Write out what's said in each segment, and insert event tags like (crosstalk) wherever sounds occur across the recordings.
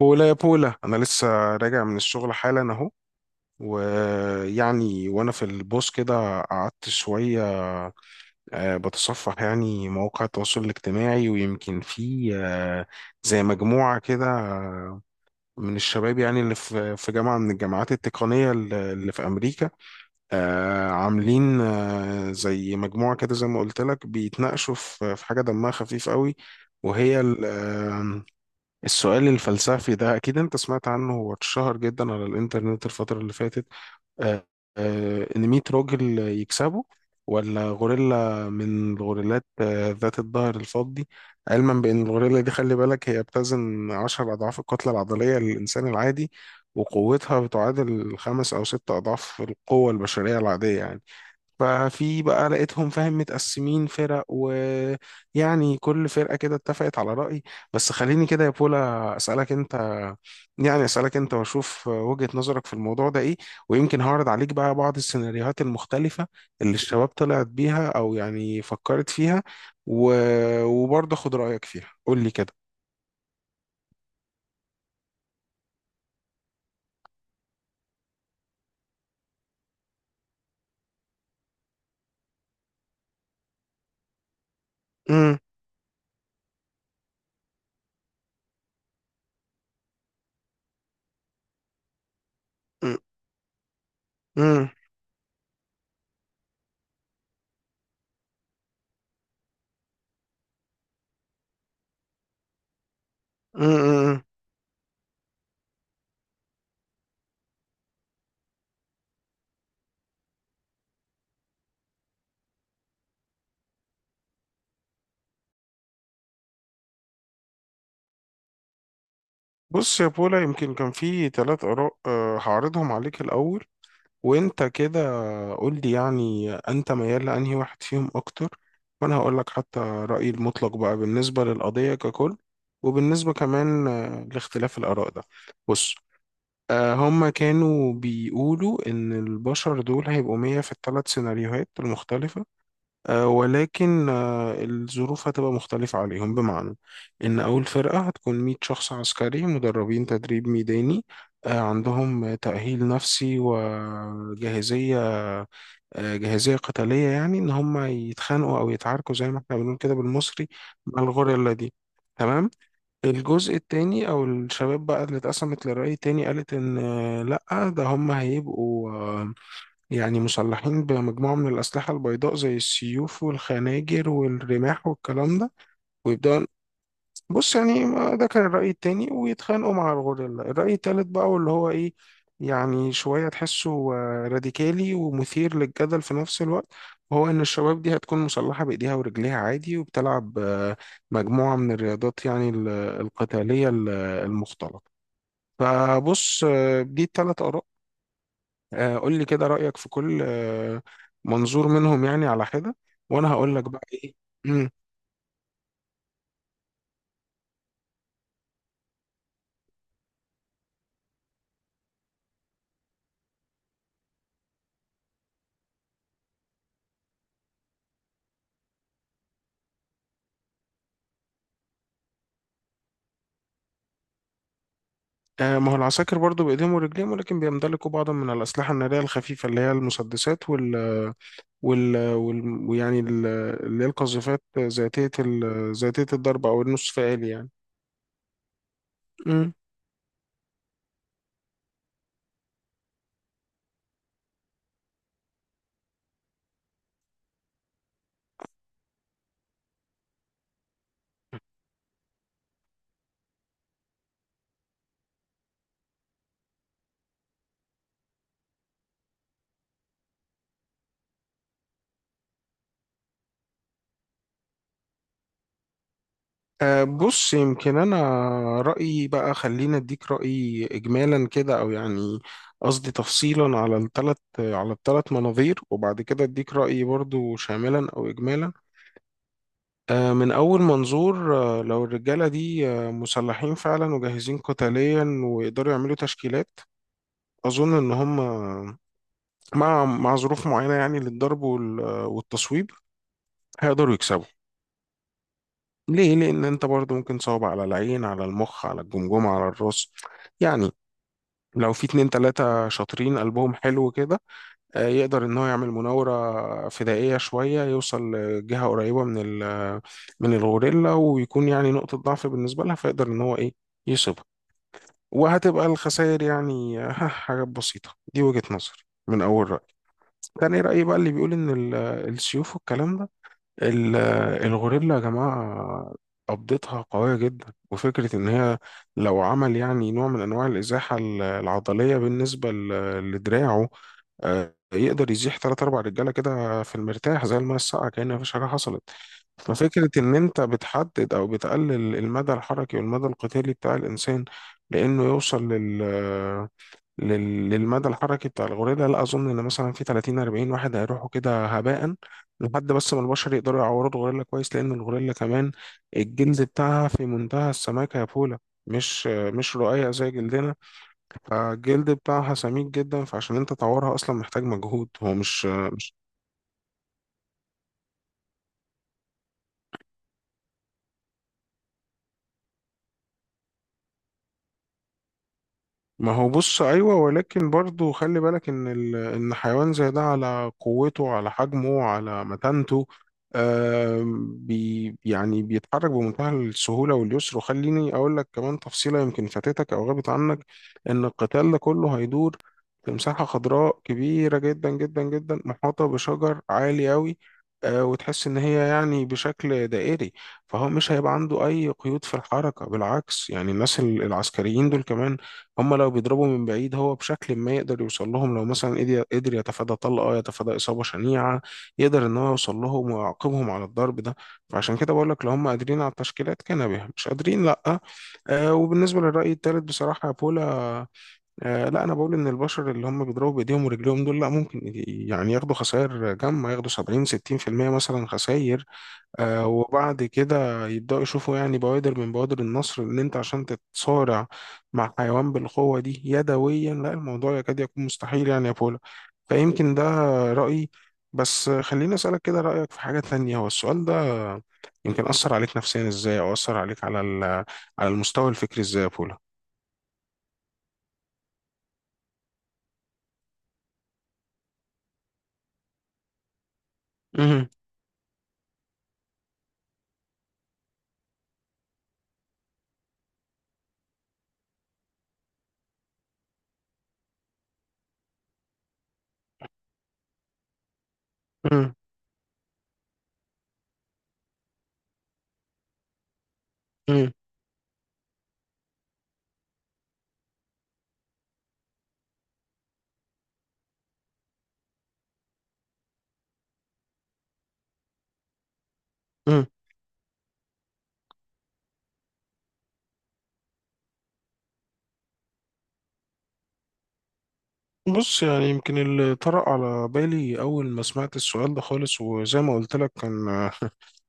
بولا يا بولا، انا لسه راجع من الشغل حالا اهو. وانا في البوس كده قعدت شويه، بتصفح مواقع التواصل الاجتماعي، ويمكن في زي مجموعه كده من الشباب، يعني اللي في جامعه من الجامعات التقنيه اللي في امريكا، عاملين زي مجموعه كده، زي ما قلت لك بيتناقشوا في حاجه دمها خفيف قوي. وهي السؤال الفلسفي ده، أكيد أنت سمعت عنه، هو اتشهر جدا على الإنترنت الفترة اللي فاتت. آه، إن 100 راجل يكسبوا ولا غوريلا من الغوريلات ذات الظهر الفضي. علما بأن الغوريلا دي، خلي بالك، هي بتزن 10 أضعاف الكتلة العضلية للإنسان العادي، وقوتها بتعادل خمس أو ست أضعاف القوة البشرية العادية يعني. ففي بقى لقيتهم فاهم، متقسمين فرق، ويعني كل فرقة كده اتفقت على رأي. بس خليني كده يا بولا أسألك أنت، يعني أسألك أنت وأشوف وجهة نظرك في الموضوع ده إيه. ويمكن هعرض عليك بقى بعض السيناريوهات المختلفة اللي الشباب طلعت بيها أو يعني فكرت فيها و... وبرضه خد رأيك فيها، قول لي كده. مم، مم، مم، مم، مم. بص يا بولا، يمكن كان في ثلاث آراء، هعرضهم عليك الأول، وانت كده قول لي يعني انت ميال لانهي واحد فيهم اكتر، وانا هقول لك حتى رأيي المطلق بقى بالنسبة للقضية ككل، وبالنسبة كمان لاختلاف الآراء ده. بص، هما كانوا بيقولوا ان البشر دول هيبقوا مية في الثلاث سيناريوهات المختلفة، ولكن الظروف هتبقى مختلفة عليهم، بمعنى إن أول فرقة هتكون 100 شخص عسكري مدربين تدريب ميداني، عندهم تأهيل نفسي وجاهزية، جاهزية قتالية، يعني إن هم يتخانقوا أو يتعاركوا زي ما إحنا بنقول كده بالمصري مع الغوريلا دي. تمام. الجزء التاني أو الشباب بقى اللي اتقسمت لرأي تاني، قالت إن لأ، ده هم هيبقوا يعني مسلحين بمجموعة من الأسلحة البيضاء زي السيوف والخناجر والرماح والكلام ده، ويبدأوا، بص يعني ده كان الرأي التاني، ويتخانقوا مع الغوريلا. الرأي التالت بقى واللي هو إيه، يعني شوية تحسه راديكالي ومثير للجدل في نفس الوقت، وهو إن الشباب دي هتكون مسلحة بإيديها ورجليها عادي، وبتلعب مجموعة من الرياضات، القتالية المختلطة. فبص، دي التلات آراء، قول لي كده رأيك في كل منظور منهم يعني على حدة، وانا هقول لك بقى ايه. مم. ما هو العساكر برضو بايديهم ورجليهم، ولكن بيمتلكوا بعضا من الأسلحة النارية الخفيفة، اللي هي المسدسات وال وال وال- ويعني ال- اللي هي القذافات ذاتية ذاتية الضرب او النصف آلي يعني. أه، بص، يمكن أنا رأيي بقى، خلينا أديك رأيي إجمالا كده، أو يعني قصدي تفصيلا على الثلاث، على الثلاث مناظير، وبعد كده أديك رأيي برضو شاملا أو إجمالا. أه، من أول منظور، أه، لو الرجالة دي أه، مسلحين فعلا وجاهزين قتاليا، ويقدروا يعملوا تشكيلات، أظن إن هم مع ظروف معينة يعني للضرب والتصويب، هيقدروا يكسبوا. ليه؟ لأن أنت برضو ممكن تصوب على العين، على المخ، على الجمجمة، على الراس يعني. لو في اتنين تلاتة شاطرين قلبهم حلو كده، يقدر ان هو يعمل مناورة فدائية شوية، يوصل لجهة قريبة من ال من الغوريلا، ويكون يعني نقطة ضعف بالنسبة لها، فيقدر ان هو ايه، يصيبها. وهتبقى الخسائر يعني (laughs) حاجات بسيطة. دي وجهة نظر من اول رأي. تاني رأي بقى، اللي بيقول ان السيوف والكلام ده، ال- الغوريلا يا جماعة قبضتها قوية جدا، وفكرة إن هي لو عمل يعني نوع من أنواع الإزاحة العضلية بالنسبة لدراعه، يقدر يزيح تلات أربع رجالة كده في المرتاح، زي الماء الساقعة، كأن مفيش حاجة حصلت. ففكرة إن أنت بتحدد أو بتقلل المدى الحركي والمدى القتالي بتاع الإنسان، لأنه يوصل للمدى الحركي بتاع الغوريلا، لا اظن ان مثلا في 30 40 واحد هيروحوا كده هباء لحد بس ما البشر يقدروا يعوروا الغوريلا كويس، لان الغوريلا كمان الجلد بتاعها في منتهى السماكه يا بولا، مش رقيق زي جلدنا. فالجلد بتاعها سميك جدا، فعشان انت تعورها اصلا محتاج مجهود، هو مش، ما هو بص ايوه، ولكن برضو خلي بالك ان ان حيوان زي ده على قوته، على حجمه، على متانته، يعني بيتحرك بمنتهى السهوله واليسر. وخليني اقول لك كمان تفصيله يمكن فاتتك او غابت عنك، ان القتال ده كله هيدور في مساحه خضراء كبيره جدا جدا جدا، محاطه بشجر عالي قوي، وتحس ان هي يعني بشكل دائري. فهو مش هيبقى عنده اي قيود في الحركه، بالعكس يعني. الناس العسكريين دول كمان، هم لو بيضربوا من بعيد هو بشكل ما يقدر يوصل لهم. لو مثلا قدر يتفادى طلقة، يتفادى إصابة شنيعة، يقدر إن هو يوصل لهم ويعاقبهم على الضرب ده. فعشان كده بقول لك لو هم قادرين على التشكيلات كان بها، مش قادرين لأ. آه، وبالنسبة للرأي الثالث، بصراحة يا بولا، آه، لا، أنا بقول إن البشر اللي هم بيضربوا بإيديهم ورجليهم دول، لأ، ممكن يعني ياخدوا خسائر جامة، ياخدوا 70 60% مثلا خسائر، وبعد كده يبدأوا يشوفوا يعني بوادر من بوادر النصر. ان انت عشان تتصارع مع حيوان بالقوة دي يدويا، لا، الموضوع يكاد يكون مستحيل يعني يا بولا. فيمكن ده رأيي. بس خليني أسألك كده رأيك في حاجة تانية، هو السؤال ده يمكن أثر عليك نفسيا ازاي، او أثر عليك على على المستوى الفكري ازاي يا بولا؟ مهم. مهم. مهم. مهم. بص، يعني يمكن اللي طرأ على بالي أول ما سمعت السؤال ده خالص، وزي ما قلت لك، كان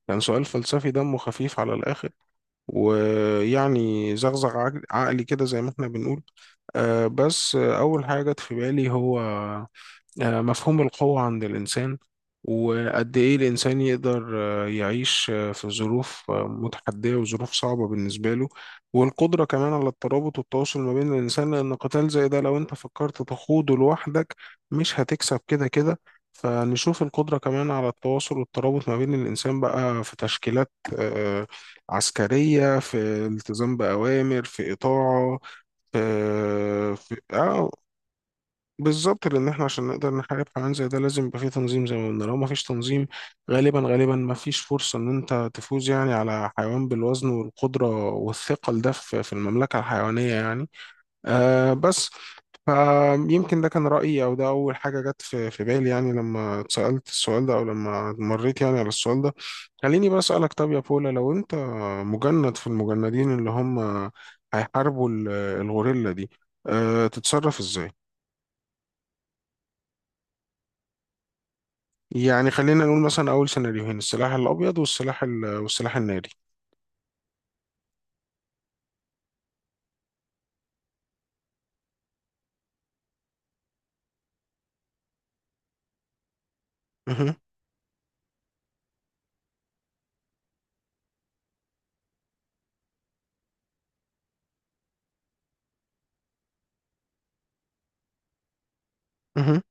كان سؤال فلسفي دمه خفيف على الآخر، زغزغ عقلي كده زي ما احنا بنقول. آه، بس آه، أول حاجة جت في بالي هو مفهوم القوة عند الإنسان، وقد إيه الإنسان يقدر يعيش في ظروف متحدية، وظروف صعبة بالنسبة له، والقدرة كمان على الترابط والتواصل ما بين الإنسان. لأن قتال زي ده لو أنت فكرت تخوضه لوحدك، مش هتكسب كده كده. فنشوف القدرة كمان على التواصل والترابط ما بين الإنسان بقى في تشكيلات آه، عسكرية، في التزام بأوامر، في إطاعة، في في- آه، بالظبط. لان احنا عشان نقدر نحارب حيوان زي ده لازم يبقى فيه تنظيم، زي ما قلنا لو ما فيش تنظيم، غالبا ما فيش فرصة ان انت تفوز يعني على حيوان بالوزن والقدرة والثقل ده في في المملكة الحيوانية يعني. آه بس، فيمكن ده كان رأيي، او ده اول حاجة جت في في بالي، يعني لما اتسألت السؤال ده او لما مريت يعني على السؤال ده. خليني بقى اسألك، طب يا بولا، لو انت مجند في المجندين اللي هم هيحاربوا الغوريلا دي، أه تتصرف ازاي؟ يعني خلينا نقول مثلا أول سيناريوهين، السلاح الأبيض والسلاح الناري. مهم. مهم.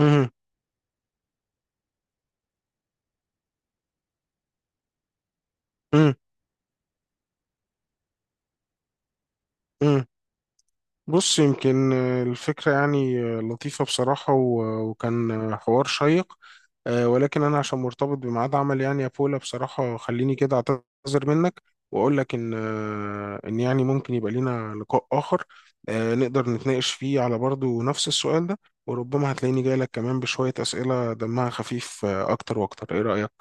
مهم. مهم. مهم. بص، يمكن الفكرة يعني لطيفة بصراحة وكان حوار شيق، ولكن أنا عشان مرتبط بميعاد عمل يعني يا بولا، بصراحة خليني كده أعتذر منك، وأقول لك إن يعني ممكن يبقى لينا لقاء آخر، نقدر نتناقش فيه على برضه نفس السؤال ده، وربما هتلاقيني جاي لك كمان بشوية أسئلة دمها خفيف أكتر وأكتر. إيه رأيك؟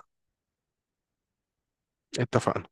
اتفقنا.